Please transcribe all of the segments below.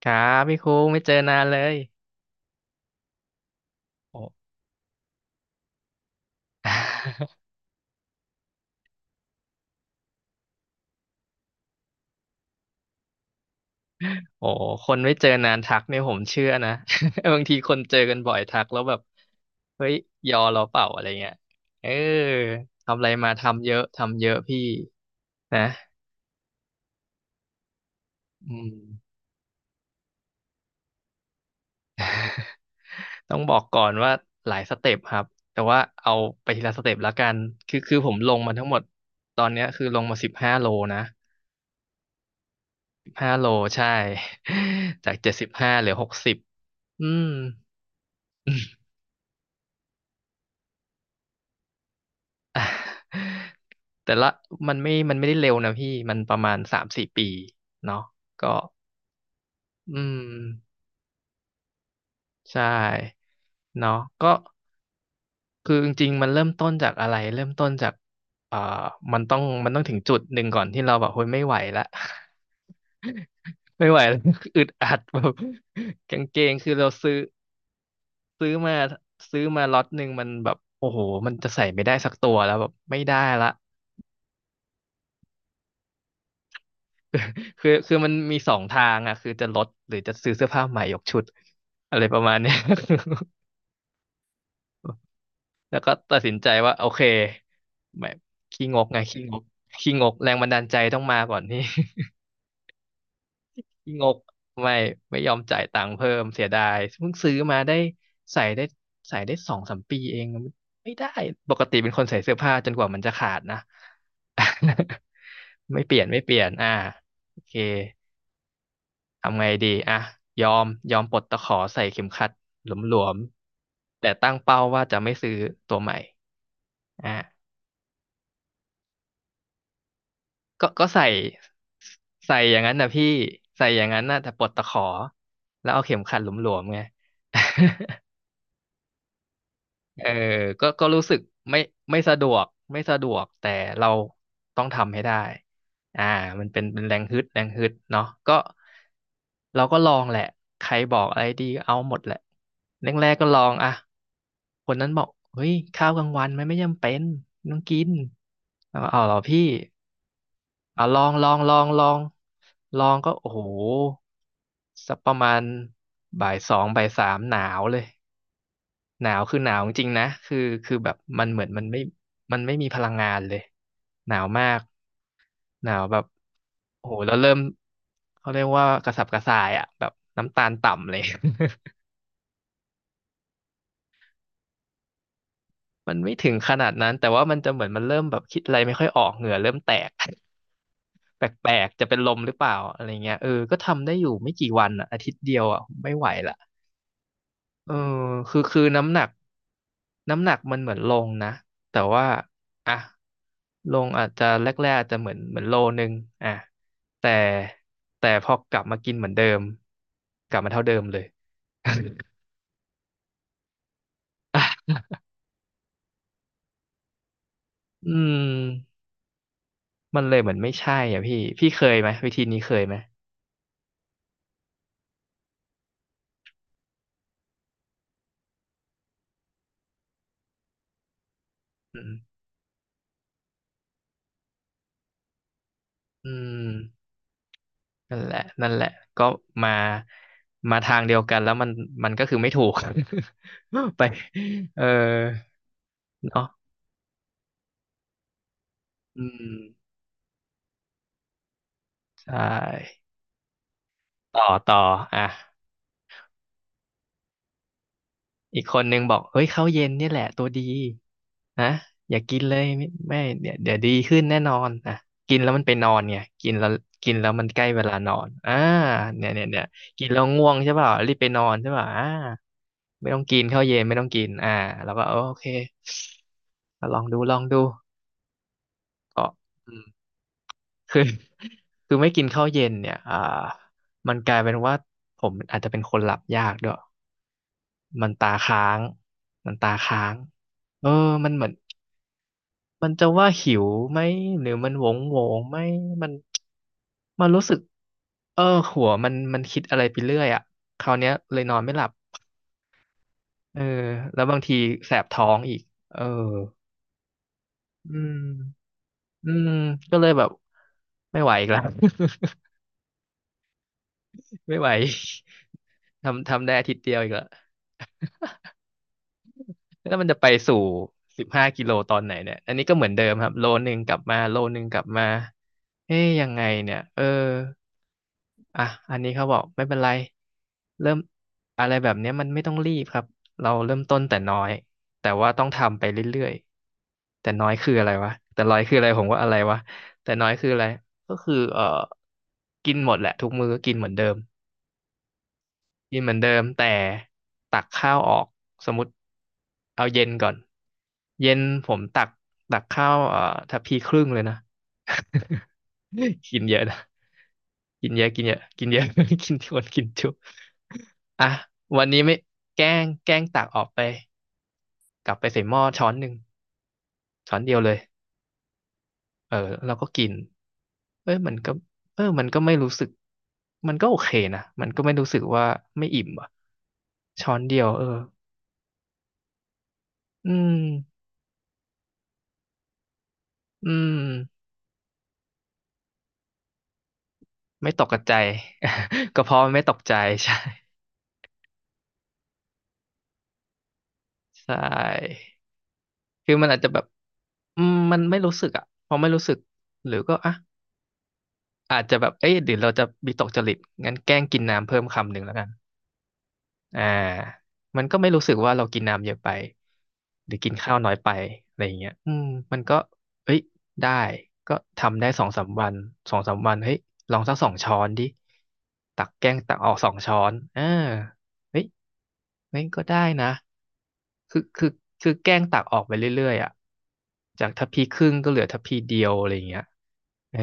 ครับพี่คุ้งไม่เจอนานเลยโอ้ โอ้คนไม่เจอนานทักเนี่ยผมเชื่อนะ บางทีคนเจอกันบ่อยทักแล้วแบบเฮ้ยยอเราเปล่าอะไรเงี้ยเออทำอะไรมาทำเยอะทำเยอะพี่นะอืมต้องบอกก่อนว่าหลายสเต็ปครับแต่ว่าเอาไปทีละสเต็ปแล้วกันคือผมลงมาทั้งหมดตอนเนี้ยคือลงมาสิบห้าโลนะสิบห้าโลใช่ จาก75เหลือ60อืม แต่ละมันไม่ได้เร็วนะพี่ มันประมาณ3-4 ปีเนาะก็อืมใช่เนาะก็คือจริงๆมันเริ่มต้นจากอะไร เริ่มต้นจากเอ่อมันต้องถึงจุดหนึ่งก่อนที่เราแบบเฮ้ยไม่ไหวละ ไม่ไหวแล้ว อึดอัด แบบกางเกงคือเราซื้อซื้อมาซื้อมาล็อตหนึ่งมันแบบโอ้โหมันจะใส่ไม่ได้สักตัวแล้วแบบไม่ได้ละ คือมันมีสองทางอ่ะคือจะลดหรือจะซื้อเสื้อผ้าใหม่ยกชุดอะไรประมาณเนี้ย แล้วก็ตัดสินใจว่าโอเคไม่ขี้งกไงขี้งกขี้งกแรงบันดาลใจต้องมาก่อนนี่ ขี้งกไม่ไม่ยอมจ่ายตังค์เพิ่มเสียดายเพิ่งซื้อมาได้ใส่ได้ใส่ได้2-3 ปีเองไม่ได้ปกติเป็นคนใส่เสื้อผ้าจนกว่ามันจะขาดนะ ไม่เปลี่ยนไม่เปลี่ยนอ่าโอเค ทำไงดีอ่ะยอมยอมปลดตะขอใส่เข็มขัดหลวมๆแต่ตั้งเป้าว่าจะไม่ซื้อตัวใหม่อ่ะก็ก็ใส่ใส่อย่างนั้นนะพี่ใส่อย่างนั้นนะแต่ปลดตะขอแล้วเอาเข็มขัดหลวมๆไง เออก็ก็รู้สึกไม่ไม่สะดวกไม่สะดวก แต่เราต้องทำให้ได้อ่ามันเป็นเป็นแรงฮึดแรงฮึดเนาะก็เราก็ลองแหละ ใครบอกอะไรดีก็เอาหมดแหละแรกๆก็ลองอ่ะคนนั้นบอกเฮ้ยข้าวกลางวันมันไม่จำเป็นไม่ต้องกินเอาเหรอพี่เอาลองลอง ลอง ลอง ลองก็โอ้โห สักประมาณบ่าย 2บ่าย 3หนาวเลย หนาวคือหนาวจริงๆนะคือคือแบบมันเหมือนมันไม่มีพลังงานเลยหนาวมากหนาวแบบโอ้โหแล้วเริ่มเขาเรียกว่ากระสับกระส่ายอ่ะแบบน้ำตาลต่ำเลย มันไม่ถึงขนาดนั้นแต่ว่ามันจะเหมือนมันเริ่มแบบคิดอะไรไม่ค่อยออกเหงื่อเริ่มแตก แปลกๆจะเป็นลมหรือเปล่าอะไรเงี้ยเออก็ทำได้อยู่ไม่กี่วันอ่ะอาทิตย์เดียวอ่ะไม่ไหวละเออคือคือน้ำหนัก น้ำหนักมันเหมือนลงนะแต่ว่าอ่ะลงอาจจะแรกๆอาจจะเหมือนเหมือนโลนึงอ่ะแต่แต่พอกลับมากินเหมือนเดิมกลับมาเท่าเดิมเลย อ่ะอืมมันเลยเหมือนไม่ใช่อ่ะพี่พี่เคยไหมวิธีนี้เคยไหมอืมอืมนั่นแหละนั่นแหละก็มามาทางเดียวกันแล้วมันมันก็คือไม่ถูก ไปเออเนาะอืมใช่ต่อต่ออ่ะ อีกคนนึงบอกเฮ้ยข้าวเย็นเนี่ยแหละตัวดีนะอย่ากินเลยไม่เดี๋ยวดีขึ้นแน่นอนอ่ะกินแล้วมันไปนอนไงกินแล้วกินแล้วมันใกล้เวลานอนอ่าเนี่ยเนี่ยเนี่ยกินแล้วง่วงใช่เปล่ารีบไปนอนใช่ป่าอ่าไม่ต้องกินข้าวเย็นไม่ต้องกินอ่าแล้วก็เออโอเคก็ลองดูลองดูก็อืมคือ คือไม่กินข้าวเย็นเนี่ยอ่ามันกลายเป็นว่าผมอาจจะเป็นคนหลับยากด้วย มันตาค้างมันตาค้างเออมันเหมือนมันจะว่าหิวไหมหรือมันโหวงโหวงไหมมันมันรู้สึกเออหัวมันคิดอะไรไปเรื่อยอ่ะคราวเนี้ยเลยนอนไม่หลับเออแล้วบางทีแสบท้องอีกเอออืมอืมก็เลยแบบไม่ไหวอีกแล้ว ไม่ไหวทำได้อาทิตย์เดียวอีกแล้ว แล้วมันจะไปสู่15 กิโลตอนไหนเนี่ยอันนี้ก็เหมือนเดิมครับโลนึงกลับมาโลนึงกลับมาเอ๊ยยังไงเนี่ยเอออ่ะอันนี้เขาบอกไม่เป็นไรเริ่มอะไรแบบเนี้ยมันไม่ต้องรีบครับเราเริ่มต้นแต่น้อยแต่ว่าต้องทำไปเรื่อยๆแต่น้อยคืออะไรวะแต่น้อยคืออะไรผมว่าอะไรวะแต่น้อยคืออะไรก็คือกินหมดแหละทุกมื้อก็กินเหมือนเดิม กินเหมือนเดิมแต่ตักข้าวออกสมมติเอาเย็นก่อนเย็นผมตักตักข้าวทัพพีครึ่งเลยนะ กินเยอะนะกินเยอะกินเยอะกินเยอะ กินทวนกินจุอ่ะวันนี้ไม่แกล้งตักออกไปกลับไปใส่หม้อช้อนหนึ่งช้อนเดียวเลยเออเราก็กินเอ้ยมันก็เออมันก็ไม่รู้สึกมันก็โอเคนะมันก็ไม่รู้สึกว่าไม่อิ่มอ่ะช้อนเดียวเออ อืมอืมไม่ตกกระใจ ก็เพราะมันไม่ตกใจ ใช่ใช่คือมันอาจจะแบบมันไม่รู้สึกอ่ะพอไม่รู้สึก หรือก็อ่ะอาจจะแบบเอ้ยเดี๋ยวเราจะมีตกจริตงั้นแกล้งกินน้ำเพิ่มคำหนึ่งแล้วกันอ่ามันก็ไม่รู้สึกว่าเรากินน้ำเยอะไปหรือกินข้าวน้อยไปอะไรอย่างเงี้ยมันก็เอ้ยได้ก็ทำได้สองสามวันสองสามวันเฮ้ยลองสักสองช้อนดิตักแกล้งตักออกสองช้อนเออเฮ้ย เฮ้ยก็ได้นะ คือคือคือแกล้งตักออกไปเรื่อยๆอ่ะจากทัพพีครึ่งก็เหลือทัพพีเดียวอะไรอย่างเงี้ยเออ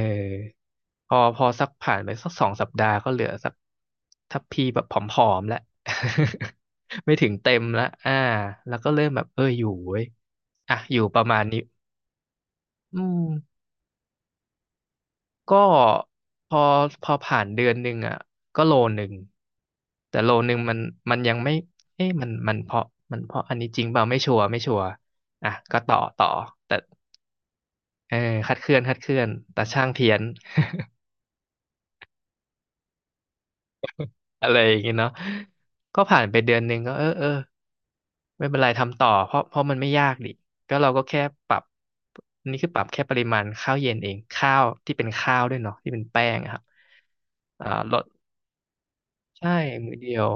พอสักผ่านไปสัก2 สัปดาห์ก็เหลือสักทัพพีแบบผอมๆแล้ว ไม่ถึงเต็มแล้วอ่าแล้วก็เริ่มแบบเอออยู่เว้ยอ่ะอยู่ประมาณนี้อืม ก็พอพอผ่านเดือนหนึ่งอ่ะก็โลหนึ่งแต่โลหนึ่งมันยังไม่เอ๊ะมันเพราะมันเพราะอันนี้จริงเปล่าไม่ชัวร์ไม่ชัวร์อ่ะก็ต่อต่อแต่เออคัดเคลื่อนคัดเคลื่อนแต่ช่างเพี้ยน อะไรอย่างเงี้ยเนาะก็ผ่านไปเดือนหนึ่งก็เออเออไม่เป็นไรทำต่อเพราะมันไม่ยากดิก็เราก็แค่ปรับอันนี่คือปรับแค่ปริมาณข้าวเย็นเองข้าวที่เป็นข้าวด้วยเนาะที่เป็นแป้งอะครับอ่าลดใช่มื้อเดียว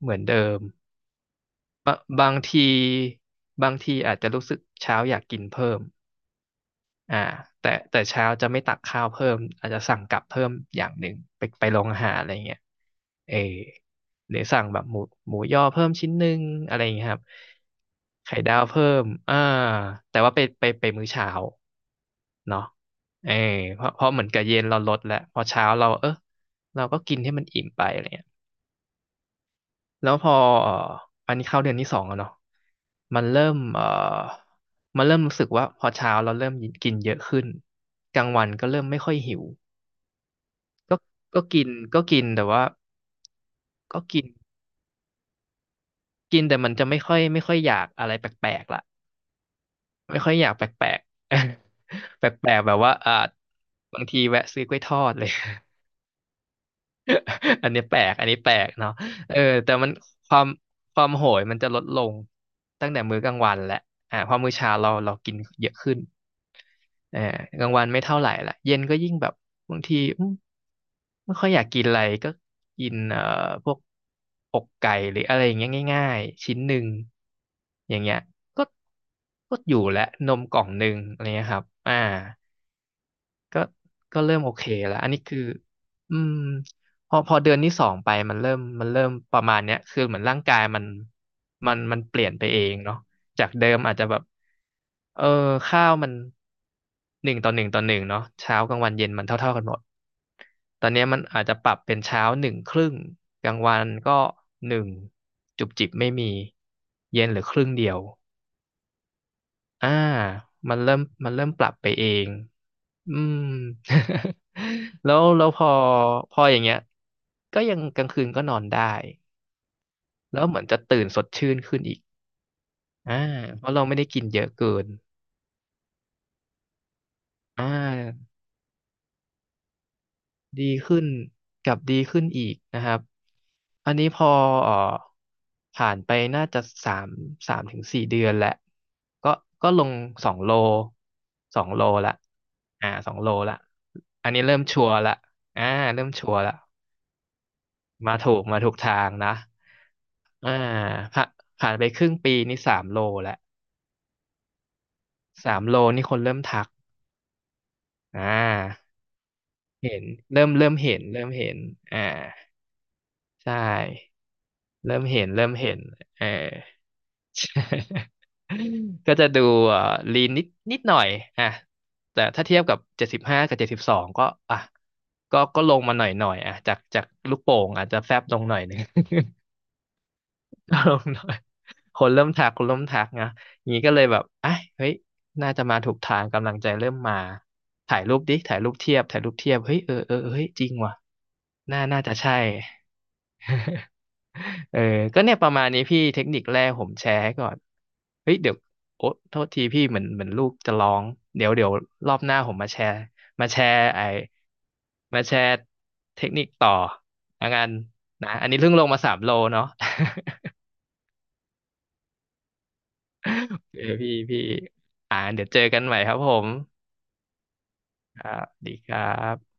เหมือนเดิม บะบางทีบางทีอาจจะรู้สึกเช้าอยากกินเพิ่มอ่าแต่เช้าจะไม่ตักข้าวเพิ่มอาจจะสั่งกลับเพิ่มอย่างหนึ่งไปโรงอาหารอะไรเงี้ยเออหรือสั่งแบบหมูย่อเพิ่มชิ้นหนึ่งอะไรเงี้ยครับไข่ดาวเพิ่มอ่าแต่ว่าไปมื้อเช้าเนาะเออเพราะเหมือนกับเย็นเราลดแล้วพอเช้าเราเออเราก็กินให้มันอิ่มไปอะไรเงี้ย แล้วพอเอ่ออันนี้เข้าเดือนที่สองแล้วเนาะมันเริ่มมันเริ่มรู้สึกว่าพอเช้าเราเริ่มกินเยอะขึ้นกลางวันก็เริ่มไม่ค่อยหิวก็ก็กินก็กินแต่ว่าก็กินกินแต่มันจะไม่ค่อยอยากอะไรแปลกๆละไม่ค่อยอยากแปลกๆ แปลกๆแบบว่าอ่าบางทีแวะซื้อกล้วยทอดเลย อันนี้แปลกอันนี้แปลกเนาะเออแต่มันความความโหยมันจะลดลงตั้งแต่มื้อกลางวันแหละอ่าเพอมื้อเช้าเรากินเยอะขึ้นเออกลางวันไม่เท่าไหร่ละเย็นก็ยิ่งแบบบางทีไม่ค่อยอยากกินอะไรก็กินพวกอกไก่หรืออะไรอย่างเงี้ยง่ายๆชิ้นหนึ่งอย่างเงี้ยก็ก็อยู่และนมกล่องหนึ่งอะไรเงี้ยครับอ่า ก็ก็เริ่มโอเคแล้วอันนี้คืออืมพอเดือนที่สองไปมันเริ่มประมาณเนี้ยคือเหมือนร่างกายมันเปลี่ยนไปเองเนาะจากเดิมอาจจะแบบเออข้าวมันหนึ่งต่อหนึ่งต่อหนึ่งเนาะเช้ากลางวันเย็นมันเท่าเท่ากันหมดตอนเนี้ยมันอาจจะปรับเป็นเช้าหนึ่งครึ่งกลางวันก็หนึ่งจุบจิบไม่มีเย็นเหรือครึ่งเดียวอ่ามันเริ่มปรับไปเอง อืม แล้วพออย่างเงี้ยก็ยังกลางคืนก็นอนได้แล้วเหมือนจะตื่นสดชื่นขึ้นอีกอ่าเพราะเราไม่ได้กินเยอะเกินอ่าดีขึ้นกับดีขึ้นอีกนะครับอันนี้พอเอ่อผ่านไปน่าจะสามสามถึงสี่เดือนแหละก็ก็ลงสองโลสองโลละอ่าสองโลละอันนี้เริ่มชัวร์ละอ่าเริ่มชัวร์ละมาถูกทางนะ อ่าผ่าผ่านไปครึ่งปีนี่สามโลแล้วสามโลนี่คนเริ่มทักอ่าเห็นเริ่มเห็นเริ่มเห็นอ่าใช่เริ่มเห็นเริ่มเห็นเออ ก็จะดูเอ่อลีนนิดนิดหน่อยอ่ะแต่ถ้าเทียบกับ75กับ72ก็อ่ะก็ลงมาหน่อยหน่อยอ่ะจากลูกโป่งอาจจะแฟบลงหน่อยหนึ่ง ลงหน่อยคนเริ่มทักคนเริ่มทักนะอย่างนี้ก็เลยแบบอ่ะเฮ้ยน่าจะมาถูกทางกำลังใจเริ่มมาถ่ายรูปดิถ่ายรูปเทียบถ่ายรูปเทียบเฮ้ยเออเออเออเฮ้ยจริงว่ะน่าจะใช่ เออก็เนี่ยประมาณนี้พี่เทคนิคแรกผมแชร์ให้ก่อนเฮ้ยเดี๋ยวโอ๊ะโทษทีพี่เหมือนลูกจะร้อง เดี๋ยวเดี๋ยวรอบหน้าผมมาแชร์มาแชร์ไอมาแชร์เทคนิคต่อละกันนะอันนี้เพิ่งลงมาสามโลเนาะ เออพี่พี่อ่าเดี๋ยวเจอกันใหม่ครับผมครับดีครับ